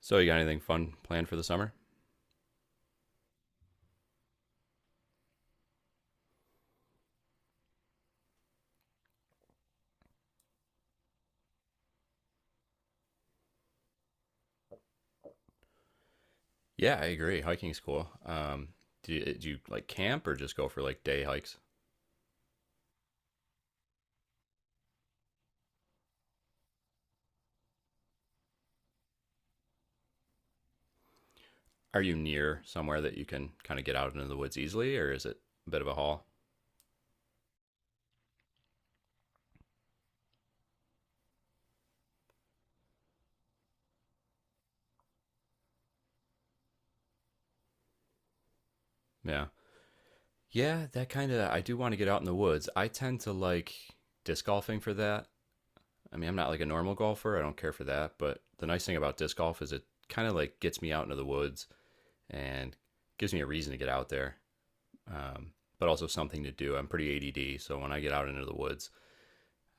So you got anything fun planned for the summer? Yeah, I agree. Hiking's cool. Do you like camp or just go for like day hikes? Are you near somewhere that you can kind of get out into the woods easily, or is it a bit of a haul? Yeah, yeah, that kind of. I do want to get out in the woods. I tend to like disc golfing for that. I mean, I'm not like a normal golfer. I don't care for that. But the nice thing about disc golf is it kind of like gets me out into the woods and gives me a reason to get out there, um, but also something to do. I'm pretty ADD, so when I get out into the woods,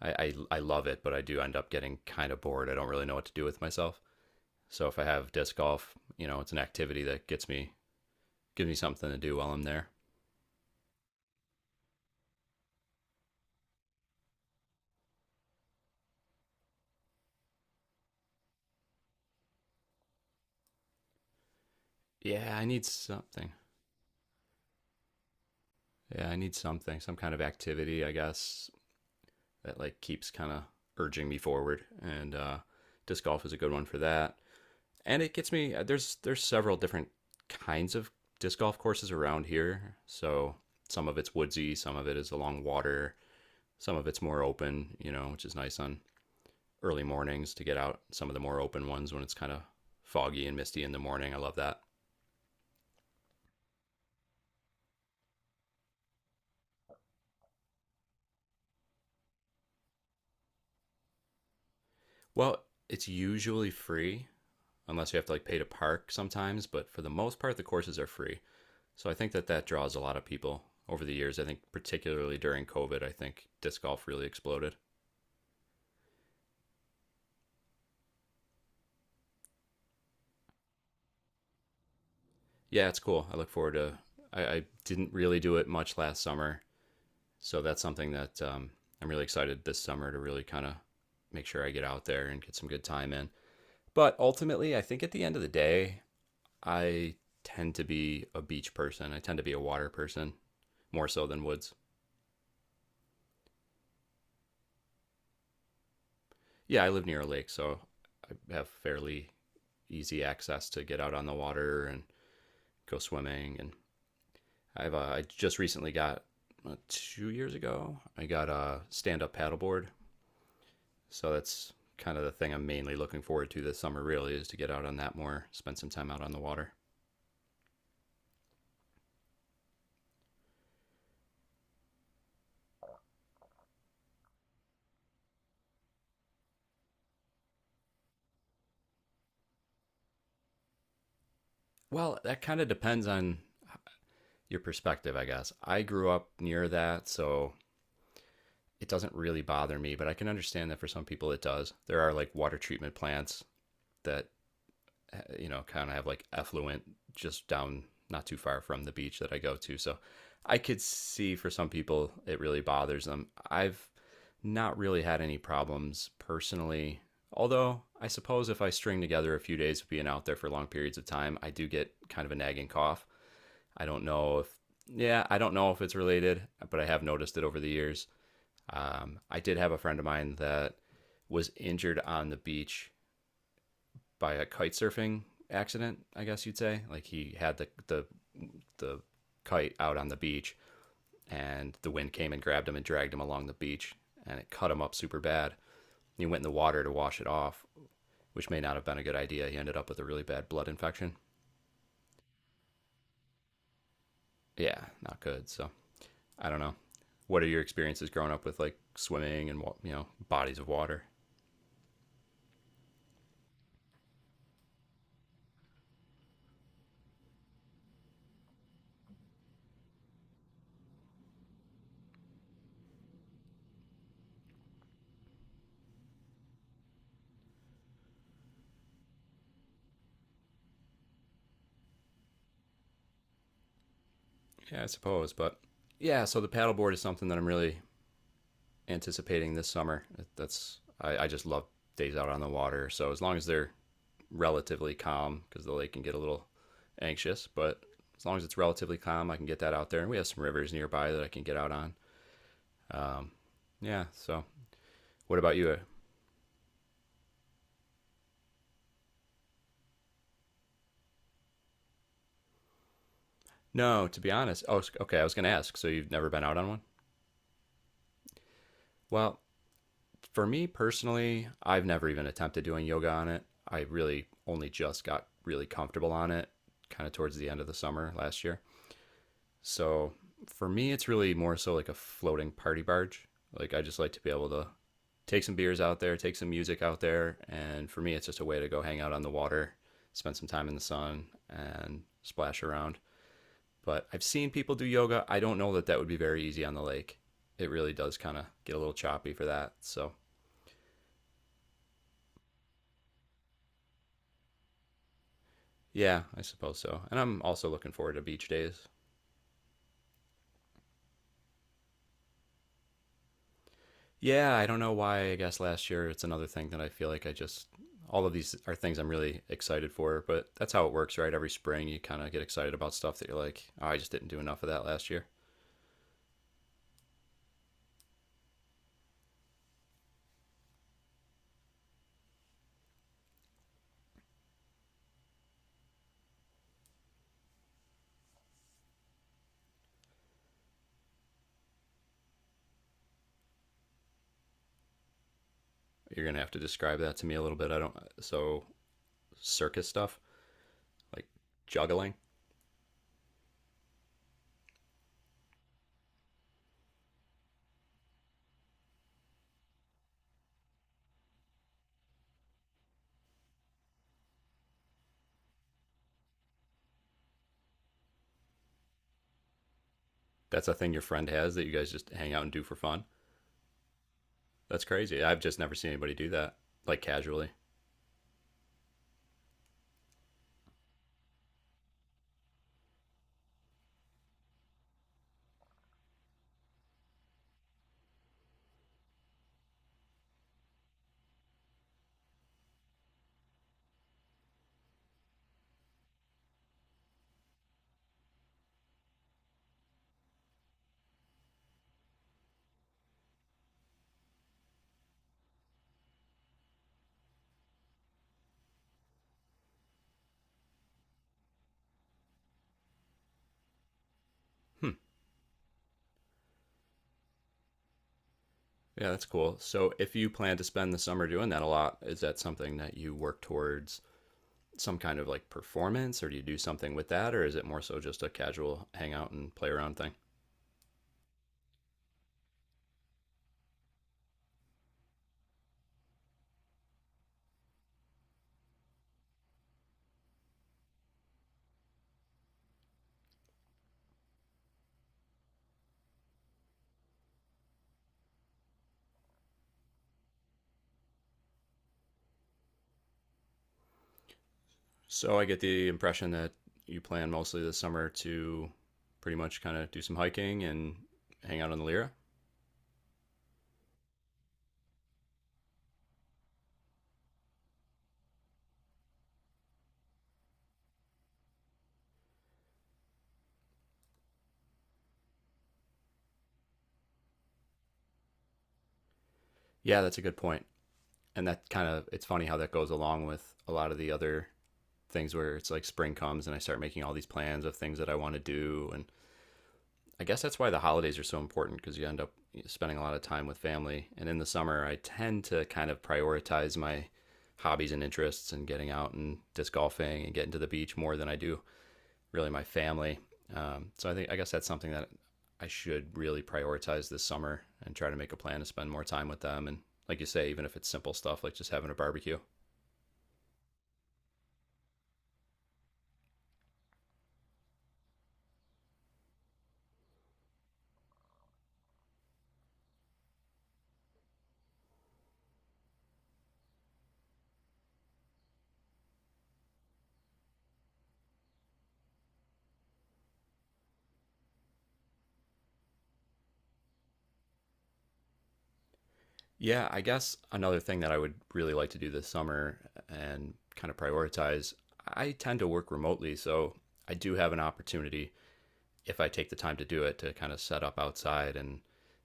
I love it, but I do end up getting kind of bored. I don't really know what to do with myself. So if I have disc golf, it's an activity that gets me gives me something to do while I'm there. Yeah, I need something. Yeah, I need something, some kind of activity, I guess, that like keeps kind of urging me forward. And disc golf is a good one for that. And it gets me. There's several different kinds of disc golf courses around here. So some of it's woodsy, some of it is along water, some of it's more open. You know, which is nice on early mornings to get out some of the more open ones when it's kind of foggy and misty in the morning. I love that. Well, it's usually free unless you have to like pay to park sometimes, but for the most part the courses are free. So I think that draws a lot of people over the years. I think particularly during COVID, I think disc golf really exploded. Yeah, it's cool. I look forward to. I didn't really do it much last summer, so that's something that I'm really excited this summer to really kind of make sure I get out there and get some good time in. But ultimately, I think at the end of the day, I tend to be a beach person. I tend to be a water person more so than woods. Yeah, I live near a lake, so I have fairly easy access to get out on the water and go swimming. And I just recently got 2 years ago I got a stand-up paddleboard, so that's kind of the thing I'm mainly looking forward to this summer. Really, is to get out on that more, spend some time out on the water. Well, that kind of depends on your perspective, I guess. I grew up near that, so it doesn't really bother me, but I can understand that for some people it does. There are like water treatment plants that kind of have like effluent just down not too far from the beach that I go to. So I could see for some people it really bothers them. I've not really had any problems personally. Although I suppose if I string together a few days of being out there for long periods of time, I do get kind of a nagging cough. I don't know if, yeah, I don't know if it's related, but I have noticed it over the years. I did have a friend of mine that was injured on the beach by a kite surfing accident. I guess you'd say, like he had the kite out on the beach, and the wind came and grabbed him and dragged him along the beach, and it cut him up super bad. He went in the water to wash it off, which may not have been a good idea. He ended up with a really bad blood infection. Yeah, not good. So I don't know. What are your experiences growing up with like swimming and you know bodies of water? Yeah, I suppose, but yeah. So the paddleboard is something that I'm really anticipating this summer. I just love days out on the water. So as long as they're relatively calm, because the lake can get a little anxious, but as long as it's relatively calm, I can get that out there. And we have some rivers nearby that I can get out on. Yeah. So what about you? No, to be honest. Oh, okay. I was gonna ask. So you've never been out on one? Well, for me personally, I've never even attempted doing yoga on it. I really only just got really comfortable on it kind of towards the end of the summer last year. So for me, it's really more so like a floating party barge. Like I just like to be able to take some beers out there, take some music out there. And for me, it's just a way to go hang out on the water, spend some time in the sun, and splash around. But I've seen people do yoga. I don't know that that would be very easy on the lake. It really does kind of get a little choppy for that. So yeah, I suppose so. And I'm also looking forward to beach days. Yeah, I don't know why. I guess last year it's another thing that I feel like I just all of these are things I'm really excited for, but that's how it works, right? Every spring you kind of get excited about stuff that you're like, oh, I just didn't do enough of that last year. You're going to have to describe that to me a little bit. I don't so circus stuff, like juggling. That's a thing your friend has that you guys just hang out and do for fun. That's crazy. I've just never seen anybody do that like casually. Hmm. Yeah, that's cool. So, if you plan to spend the summer doing that a lot, is that something that you work towards some kind of like performance, or do you do something with that, or is it more so just a casual hangout and play around thing? So, I get the impression that you plan mostly this summer to pretty much kind of do some hiking and hang out on the Lyra. Yeah, that's a good point. And that kind of, it's funny how that goes along with a lot of the other things where it's like spring comes and I start making all these plans of things that I want to do and I guess that's why the holidays are so important because you end up spending a lot of time with family. And in the summer, I tend to kind of prioritize my hobbies and interests and getting out and disc golfing and getting to the beach more than I do really my family. So I think I guess that's something that I should really prioritize this summer and try to make a plan to spend more time with them. And like you say, even if it's simple stuff like just having a barbecue. Yeah, I guess another thing that I would really like to do this summer and kind of prioritize, I tend to work remotely, so I do have an opportunity if I take the time to do it to kind of set up outside and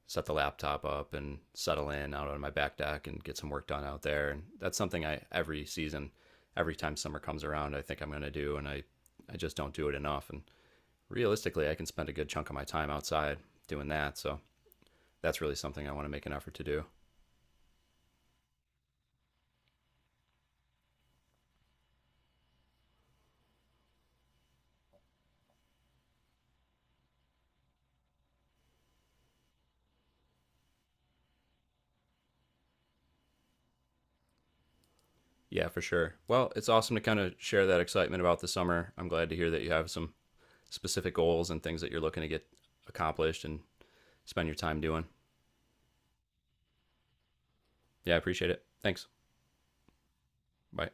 set the laptop up and settle in out on my back deck and get some work done out there. And that's something I every season, every time summer comes around, I think I'm going to do and I just don't do it enough and realistically, I can spend a good chunk of my time outside doing that. So that's really something I want to make an effort to do. Yeah, for sure. Well, it's awesome to kind of share that excitement about the summer. I'm glad to hear that you have some specific goals and things that you're looking to get accomplished and spend your time doing. Yeah, I appreciate it. Thanks. Bye.